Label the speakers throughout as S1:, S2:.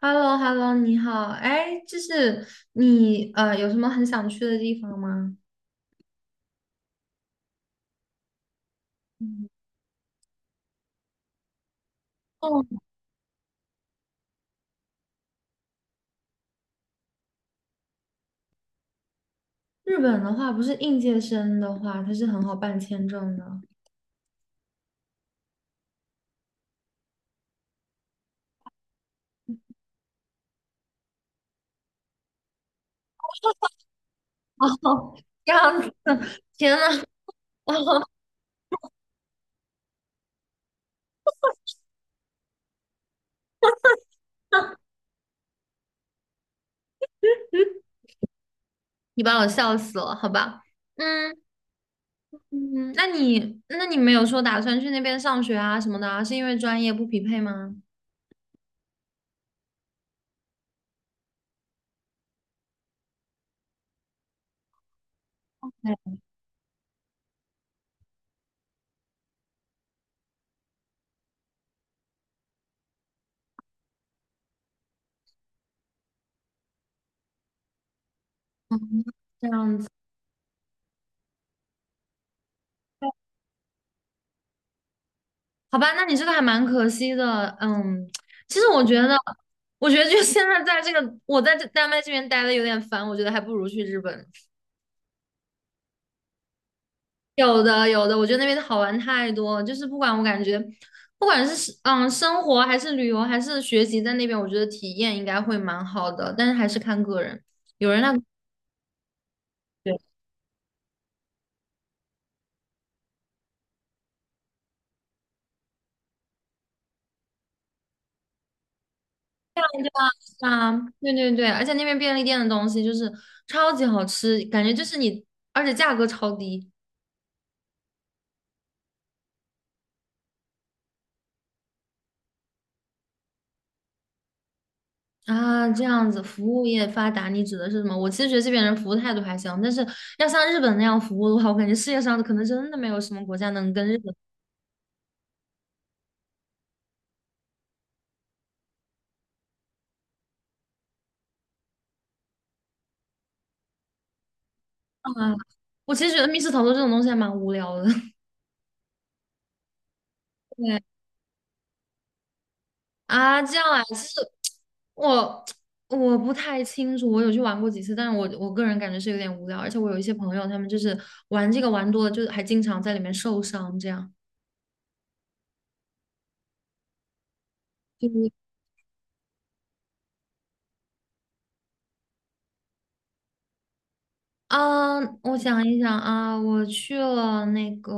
S1: h e l l o h e l l o 你好，哎，就是你有什么很想去的地方吗？嗯哦，日本的话，不是应届生的话，它是很好办签证的。哦，这样子，天呐，哦，你把我笑死了，好吧？嗯嗯，那你没有说打算去那边上学啊什么的啊，是因为专业不匹配吗？哎，这样子。好吧，那你这个还蛮可惜的。嗯，其实我觉得，我觉得就现在在这个，我在这丹麦这边待的有点烦，我觉得还不如去日本。有的，有的，我觉得那边好玩太多了，就是不管我感觉，不管是生活还是旅游还是学习，在那边我觉得体验应该会蛮好的，但是还是看个人。有人那对啊，对对对，而且那边便利店的东西就是超级好吃，感觉就是你，而且价格超低。啊，这样子，服务业发达，你指的是什么？我其实觉得这边人服务态度还行，但是要像日本那样服务的话，我感觉世界上可能真的没有什么国家能跟日本啊。我其实觉得密室逃脱这种东西还蛮无聊的。对啊，这样啊，其实我我不太清楚，我有去玩过几次，但是我个人感觉是有点无聊，而且我有一些朋友，他们就是玩这个玩多了，就是还经常在里面受伤，这样。对啊，我想一想啊，我去了那个，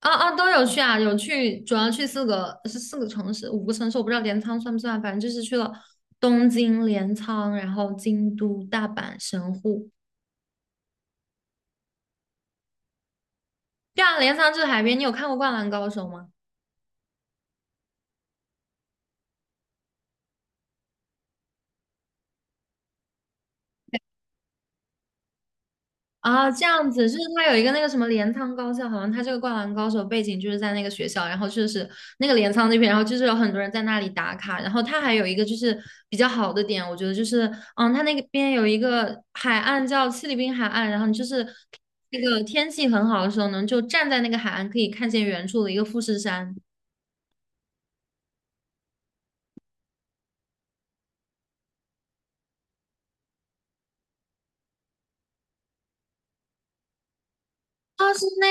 S1: 都有去啊，有去，主要去四个城市，五个城市，我不知道镰仓算不算，反正就是去了东京、镰仓，然后京都、大阪、神户。对啊，镰仓就是海边，你有看过《灌篮高手》吗？啊，这样子，就是他有一个那个什么镰仓高校，好像他这个《灌篮高手》背景就是在那个学校，然后就是那个镰仓那边，然后就是有很多人在那里打卡，然后他还有一个就是比较好的点，我觉得就是，嗯，他那个边有一个海岸叫七里滨海岸，然后你就是那个天气很好的时候呢，就站在那个海岸可以看见远处的一个富士山，啊，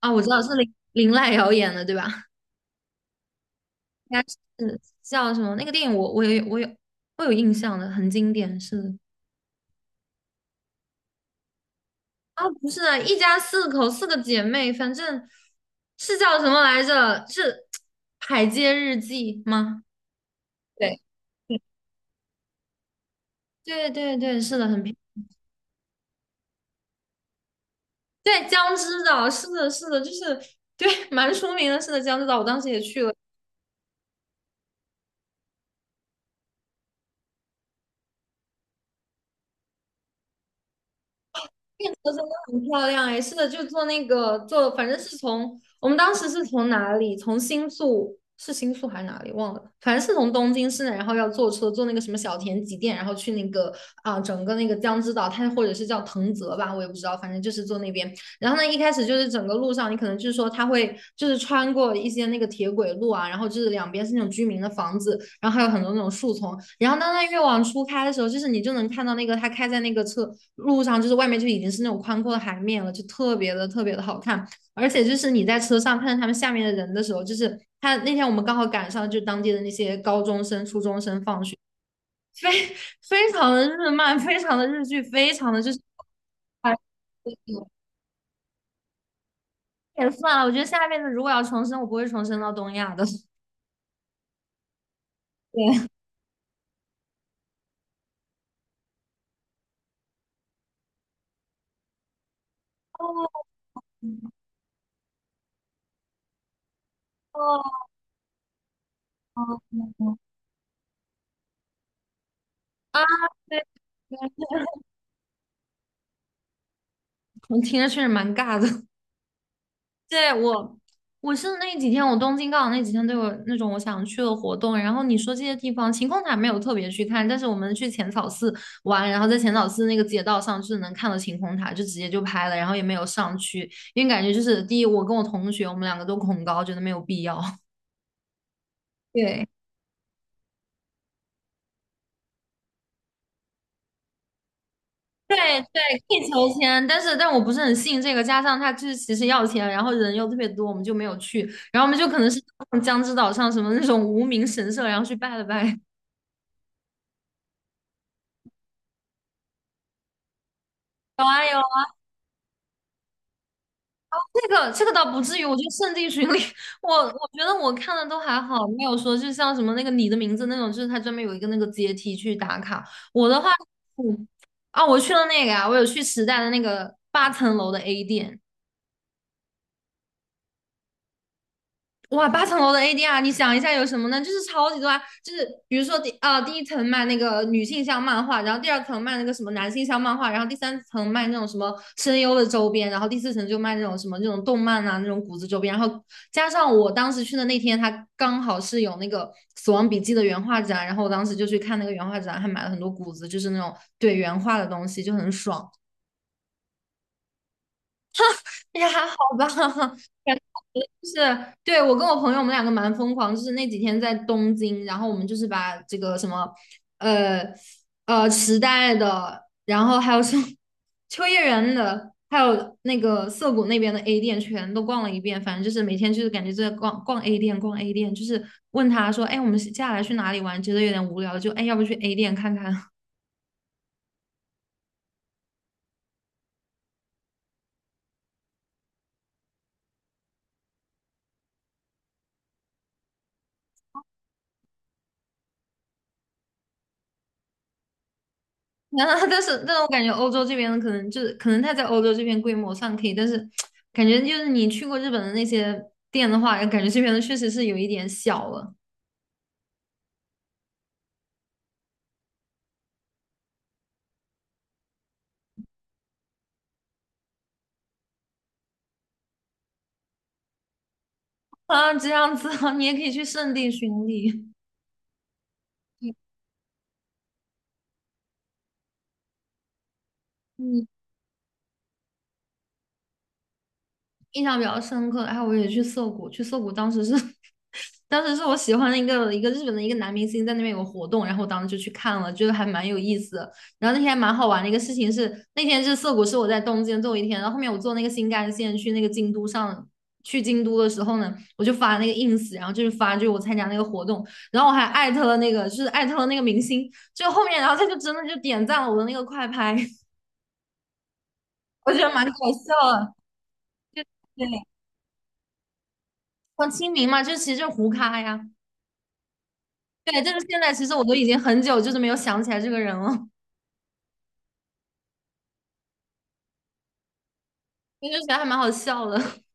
S1: 啊，我知道是林林濑遥演的对吧？应该是叫什么那个电影我，我有印象的，很经典，是的啊，不是啊，一家四口，四个姐妹，反正是叫什么来着？是《海街日记》吗？对，对对对，是的，很便宜对，江之岛，是的，是的，就是对，蛮出名的，是的，江之岛，我当时也去了。变色真的很漂亮哎，是的，就坐那个坐，反正是从我们当时是从哪里，从新宿是新宿还是哪里忘了，反正是从东京市内，然后要坐车坐那个什么小田急电，然后去那个啊、整个那个江之岛，它或者是叫藤泽吧，我也不知道，反正就是坐那边。然后呢，一开始就是整个路上，你可能就是说他会就是穿过一些那个铁轨路啊，然后就是两边是那种居民的房子，然后还有很多那种树丛。然后当它越往出开的时候，就是你就能看到那个它开在那个车路上，就是外面就已经是那种宽阔的海面了，就特别的特别的好看。而且就是你在车上看着他们下面的人的时候，就是他那天我们刚好赶上就当地的那些高中生、初中生放学，非非常的日漫，非常的日剧，非常的就是。哎也算了，我觉得下辈子如果要重生，我不会重生到东亚的。对，哦啊，对对，我听着确实蛮尬的。对，我，我是那几天，我东京刚好那几天都有那种我想去的活动。然后你说这些地方，晴空塔没有特别去看，但是我们去浅草寺玩，然后在浅草寺那个街道上就是能看到晴空塔，就直接就拍了，然后也没有上去，因为感觉就是第一，我跟我同学我们两个都恐高，觉得没有必要。对。对对，可以求签，但是但我不是很信这个，加上他就是其实要钱，然后人又特别多，我们就没有去，然后我们就可能是到江之岛上什么那种无名神社，然后去拜了拜。有啊有啊，这个这个倒不至于，我觉得圣地巡礼，我觉得我看的都还好，没有说就像什么那个你的名字那种，就是他专门有一个那个阶梯去打卡。我的话，嗯，啊，我去了那个啊，我有去时代的那个八层楼的 A 店。哇，八层楼的 ADR，你想一下有什么呢？就是超级多啊，就是比如说第一层卖那个女性向漫画，然后第二层卖那个什么男性向漫画，然后第三层卖那种什么声优的周边，然后第四层就卖那种什么那种动漫啊那种谷子周边，然后加上我当时去的那天，它刚好是有那个《死亡笔记》的原画展，然后我当时就去看那个原画展，还买了很多谷子，就是那种对原画的东西，就很爽。也还好吧，感觉就是对我跟我朋友，我们两个蛮疯狂，就是那几天在东京，然后我们就是把这个什么，呃时代的，然后还有什么秋叶原的，还有那个涩谷那边的 A 店全都逛了一遍，反正就是每天就是感觉就在逛逛 A 店，逛 A 店，就是问他说，哎，我们接下来去哪里玩？觉得有点无聊，就哎，要不去 A 店看看？啊，但是我感觉欧洲这边可能就是可能它在欧洲这边规模上可以，但是感觉就是你去过日本的那些店的话，感觉这边的确实是有一点小了啊，这样子啊，你也可以去圣地巡礼。嗯印象比较深刻然后我也去涩谷，去涩谷当时是，当时是我喜欢的一个日本的一个男明星在那边有个活动，然后我当时就去看了，觉得还蛮有意思的。然后那天还蛮好玩的一个事情是，那天是涩谷是我在东京最后一天，然后后面我坐那个新干线去那个京都上。去京都的时候呢，我就发那个 ins，然后就是发就是我参加那个活动，然后我还艾特了那个就是艾特了那个明星，就后面然后他就真的就点赞了我的那个快拍，我觉得蛮搞笑的。对，很亲民嘛，就其实就胡咖呀。对，就是现在，其实我都已经很久就是没有想起来这个人了，因就觉得还蛮好笑的。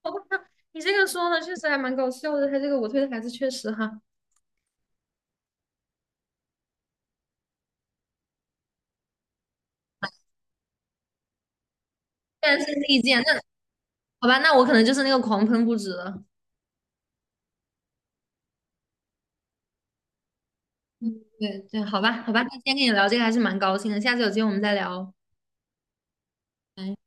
S1: 包括他你这个说的确实还蛮搞笑的，他这个我推的孩子确实哈，但是利剑，那好吧，那我可能就是那个狂喷不止了。对对，好吧好吧，那今天跟你聊这个还是蛮高兴的，下次有机会我们再聊哦。拜。